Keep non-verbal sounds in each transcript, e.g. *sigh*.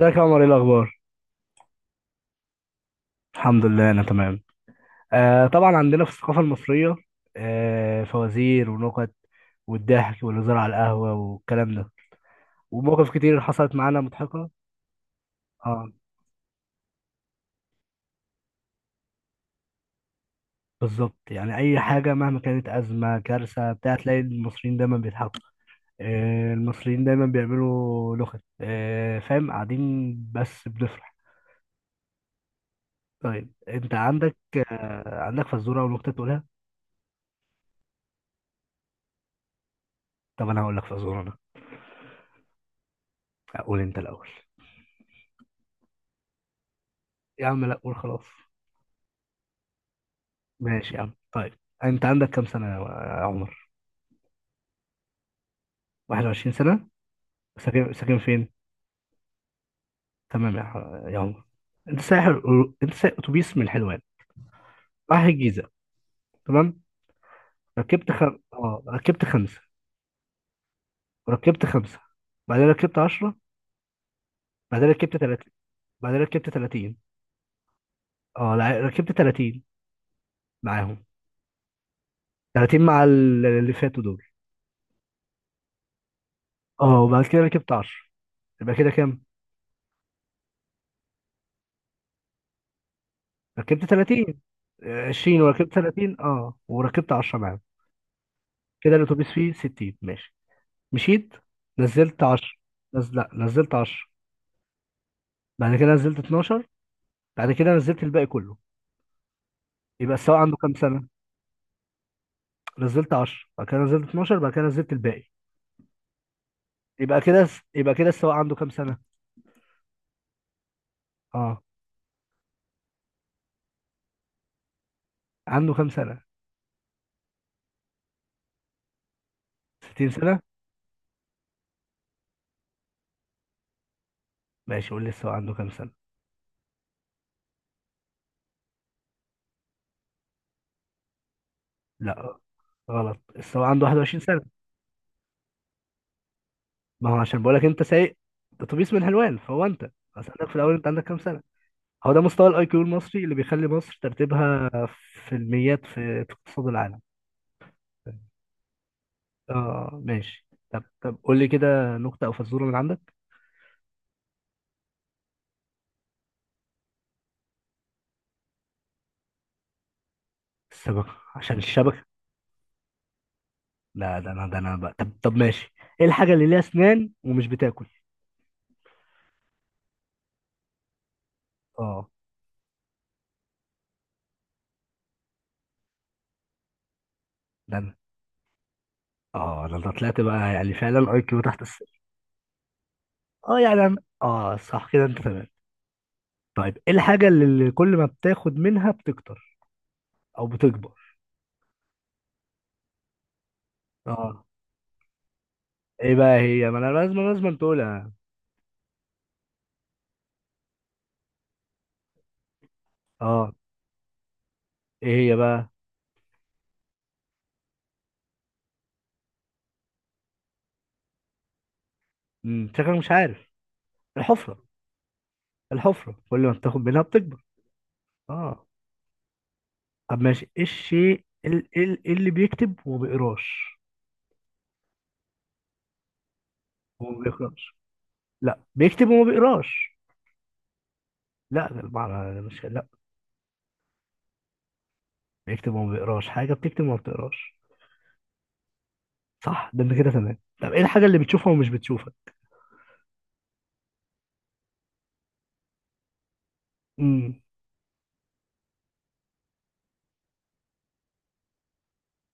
ازيك يا عمر؟ ايه الاخبار؟ الحمد لله انا تمام. آه طبعا عندنا في الثقافه المصريه آه فوازير ونكت، والضحك والهزار على القهوه والكلام ده، ومواقف كتير حصلت معانا مضحكه. اه بالظبط، يعني اي حاجه مهما كانت ازمه كارثه بتاع تلاقي المصريين دايما بيضحكوا. آه المصريين دايما بيعملوا نكت، آه فاهم؟ قاعدين بس بنفرح. طيب انت عندك آه عندك فزوره او نكته تقولها؟ طب انا هقول لك فزوره انا. اقول انت الاول. يا عم لا، قول خلاص. ماشي يا عم، طيب. انت عندك كام سنة، يا عمر؟ 21 سنة؟ ساكن فين؟ تمام، يا عمر. انت سايح انت سايح اتوبيس من الحلوان رايح الجيزة، تمام. ركبت اه ركبت خمسة، وركبت خمسة، بعدين ركبت 10، بعدين ركبت 30، بعدين ركبت 30. اه لا، ركبت 30 معاهم. 30 مع اللي فاتوا دول. اه وبعد كده ركبت 10. يبقى كده كام؟ ركبت 30. 20 وركبت 30، اه وركبت 10 معاهم. كده الاتوبيس فيه 60، ماشي. مشيت، نزلت 10. لا، نزلت 10. بعد كده نزلت 12. بعد كده نزلت الباقي كله. يبقى السواق عنده كام سنة؟ نزلت 10، بعد كده نزلت 12، بعد كده نزلت الباقي. يبقى كده، يبقى كده السواق عنده كام سنة؟ اه. عنده كام سنة؟ 60 سنة؟ ماشي، قول لي السواق عنده كام سنة. لا، غلط. السواق عنده 21 سنة. ما هو عشان بقول لك انت سايق اتوبيس من حلوان، فهو انت. اسالك في الاول، انت عندك كام سنة. هو ده مستوى الاي كيو المصري اللي بيخلي مصر ترتيبها في الميات، في في اقتصاد العالم. اه ماشي، طب قول لي كده نكتة أو فزورة من عندك. السمكة عشان الشبكة. لا ده أنا، ده أنا بقى. طب ماشي. إيه الحاجة اللي ليها أسنان ومش بتاكل؟ اه ده أنا. اه ده أنا طلعت بقى، يعني فعلا أي كيو تحت الصفر. اه يعني أنا، اه صح كده، أنت تمام. طيب إيه الحاجة اللي كل ما بتاخد منها بتكتر أو بتكبر؟ اه إيه بقى هي؟ ما أنا لازم تقولها يعني. اه إيه هي بقى؟ شكلك مش عارف. الحفرة. الحفرة كل ما بتاخد منها بتكبر، اه. طب ماشي، ايه الشيء إيه اللي بيكتب وما بيقراش؟ وما بيقراش. لا، بيكتب وما بيقراش. لا ده المعنى ده، مش لا. بيكتب وما بيقراش، حاجه بتكتب وما بتقراش. صح، ده انت كده تمام. طب ايه الحاجه اللي بتشوفها ومش بتشوفها؟ امم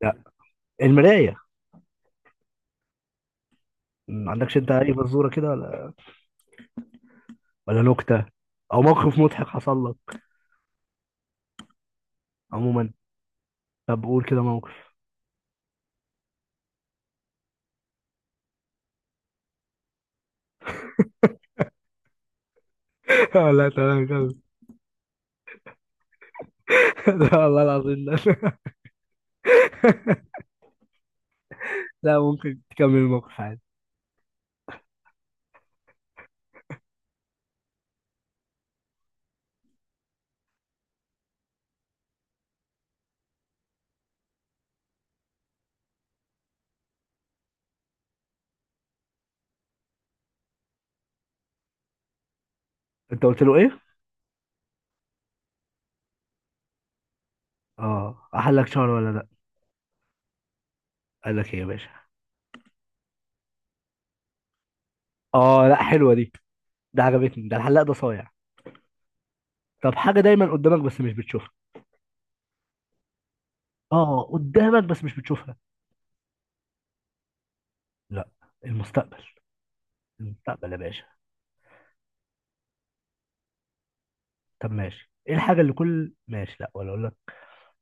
لا، المرايه. ما عندكش انت اي فزوره كده، ولا ولا نكته او موقف مضحك حصل لك عموما؟ طب قول كده موقف. *laughs* لا تمام، كمل. *laughs* لا والله العظيم، لا. *laughs* لا، ممكن تكمل الموقف عادي. انت قلت له ايه؟ اه احلك شهر ولا لا؟ قال لك ايه يا باشا؟ اه لا، حلوه دي. ده عجبتني، ده الحلاق ده صايع. طب حاجه دايما قدامك بس مش بتشوفها. اه قدامك بس مش بتشوفها. لا، المستقبل. المستقبل يا باشا. طب ماشي، ايه الحاجه اللي كل ماشي، لا ولا اقول لك.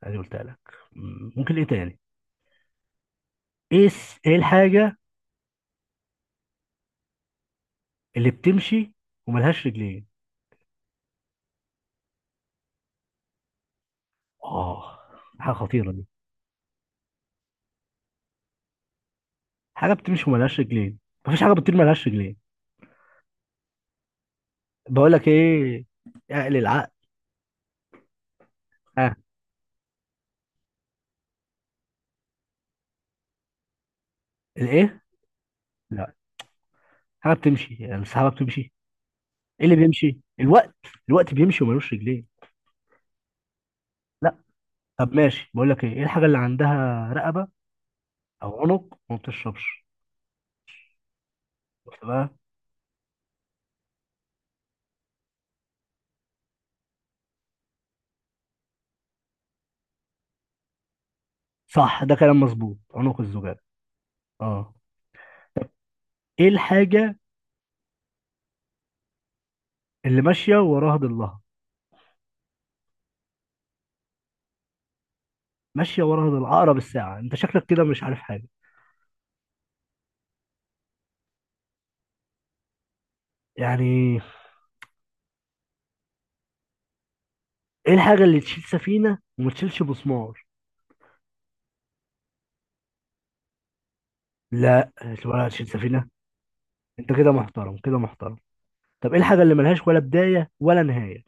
ادي قلتها لك. ممكن ايه تاني؟ ايه ايه الحاجه اللي بتمشي وملهاش رجلين؟ اه حاجه خطيره دي. حاجه بتمشي وملهاش رجلين. مفيش حاجه بتطير ملهاش رجلين. بقول لك ايه، اقل العقل. ها. الايه؟ لا، حاجه بتمشي، يعني السحابه بتمشي. ايه اللي بيمشي؟ الوقت. الوقت بيمشي وملوش رجلين. لا. طب ماشي، بقول لك ايه، ايه الحاجه اللي عندها رقبه او عنق وما بتشربش؟ شفت بقى؟ صح، ده كلام مظبوط، عنق الزجاج. اه. ايه الحاجه اللي ماشيه وراها ضلها؟ ماشيه وراها ضلها، اقرب الساعه. انت شكلك كده مش عارف حاجه يعني. ايه الحاجه اللي تشيل سفينه وما تشيلش مسمار؟ لا. ولا تشيل سفينه. انت كده محترم، كده محترم. طب ايه الحاجه اللي ملهاش ولا بدايه ولا نهايه؟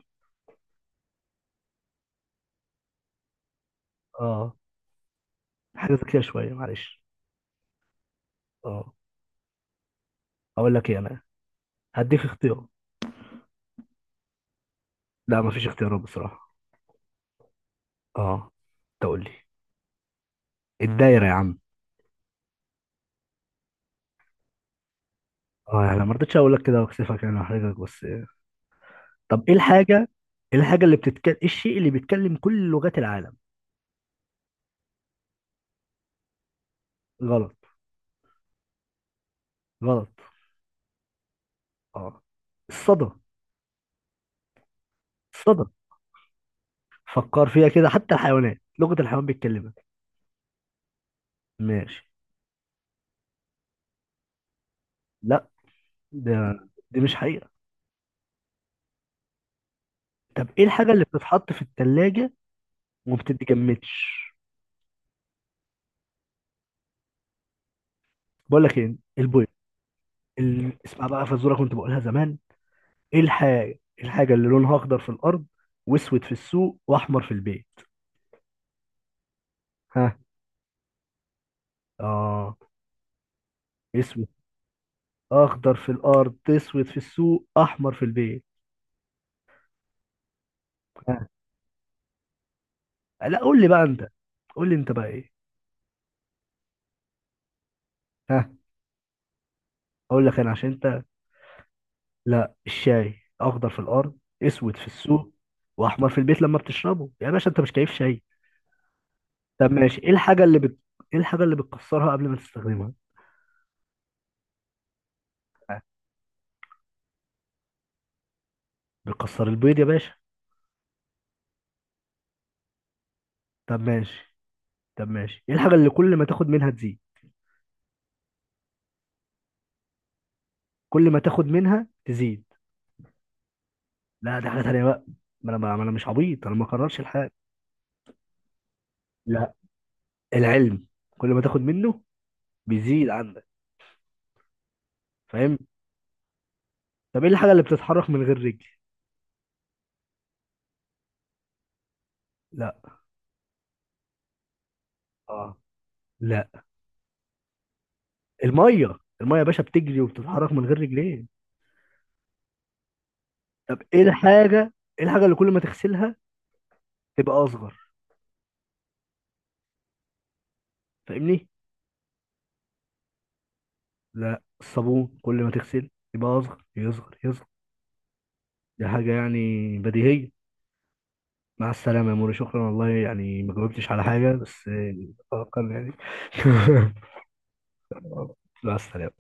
اه، حاجه ذكيه شويه، معلش. اه. اقول لك ايه انا، هديك اختيار. لا، مفيش اختيارات بصراحة. اه تقول لي. الدايرة يا عم. اه يعني ما رضيتش اقول لك كده واكسفك يعني، واحرجك، بس. طب ايه الحاجة، ايه الحاجة اللي بتتكلم، ايه الشيء اللي بيتكلم كل لغات العالم؟ غلط. غلط. اه، الصدى. الصدى. فكر فيها كده، حتى الحيوانات لغة الحيوان بيتكلمها. ماشي. لا ده، دي مش حقيقة. طب ايه الحاجة اللي بتتحط في التلاجة وما بتتجمدش؟ بقول لك ايه، البويض. اسمع بقى فزوره كنت بقولها زمان. ايه الحاجة، إيه الحاجة اللي لونها اخضر في الارض واسود في السوق واحمر في البيت؟ ها. اه. اسود. اخضر في الارض، اسود في السوق، احمر في البيت. ها. لا قول لي بقى انت. قول لي انت بقى ايه. ها. اقول لك انا عشان انت. لا، الشاي. اخضر في الارض، اسود في السوق، واحمر في البيت لما بتشربه يا باشا. انت مش كيف شاي؟ طب ماشي، ايه الحاجة ايه الحاجة اللي بتكسرها قبل ما تستخدمها؟ بتكسر البيض يا باشا. طب ماشي. ايه الحاجة اللي كل ما تاخد منها تزيد؟ كل ما تاخد منها تزيد. لا، دي حاجه تانيه بقى. ما انا مش عبيط انا، ما اقررش الحاجه. لا، العلم. كل ما تاخد منه بيزيد عندك، فاهم. طب ايه الحاجه اللي بتتحرك من غير رجل؟ لا. اه. لا، الميه. الميه يا باشا بتجري وبتتحرك من غير رجلين. طب ايه الحاجه، ايه الحاجه اللي كل ما تغسلها تبقى اصغر، فاهمني؟ لا، الصابون. كل ما تغسل يبقى اصغر، يصغر يصغر. دي حاجه يعني بديهيه. مع السلامة يا موري، شكرا والله، يعني ما جاوبتش على حاجة بس، أتوقع يعني. *laughs* مع السلامة.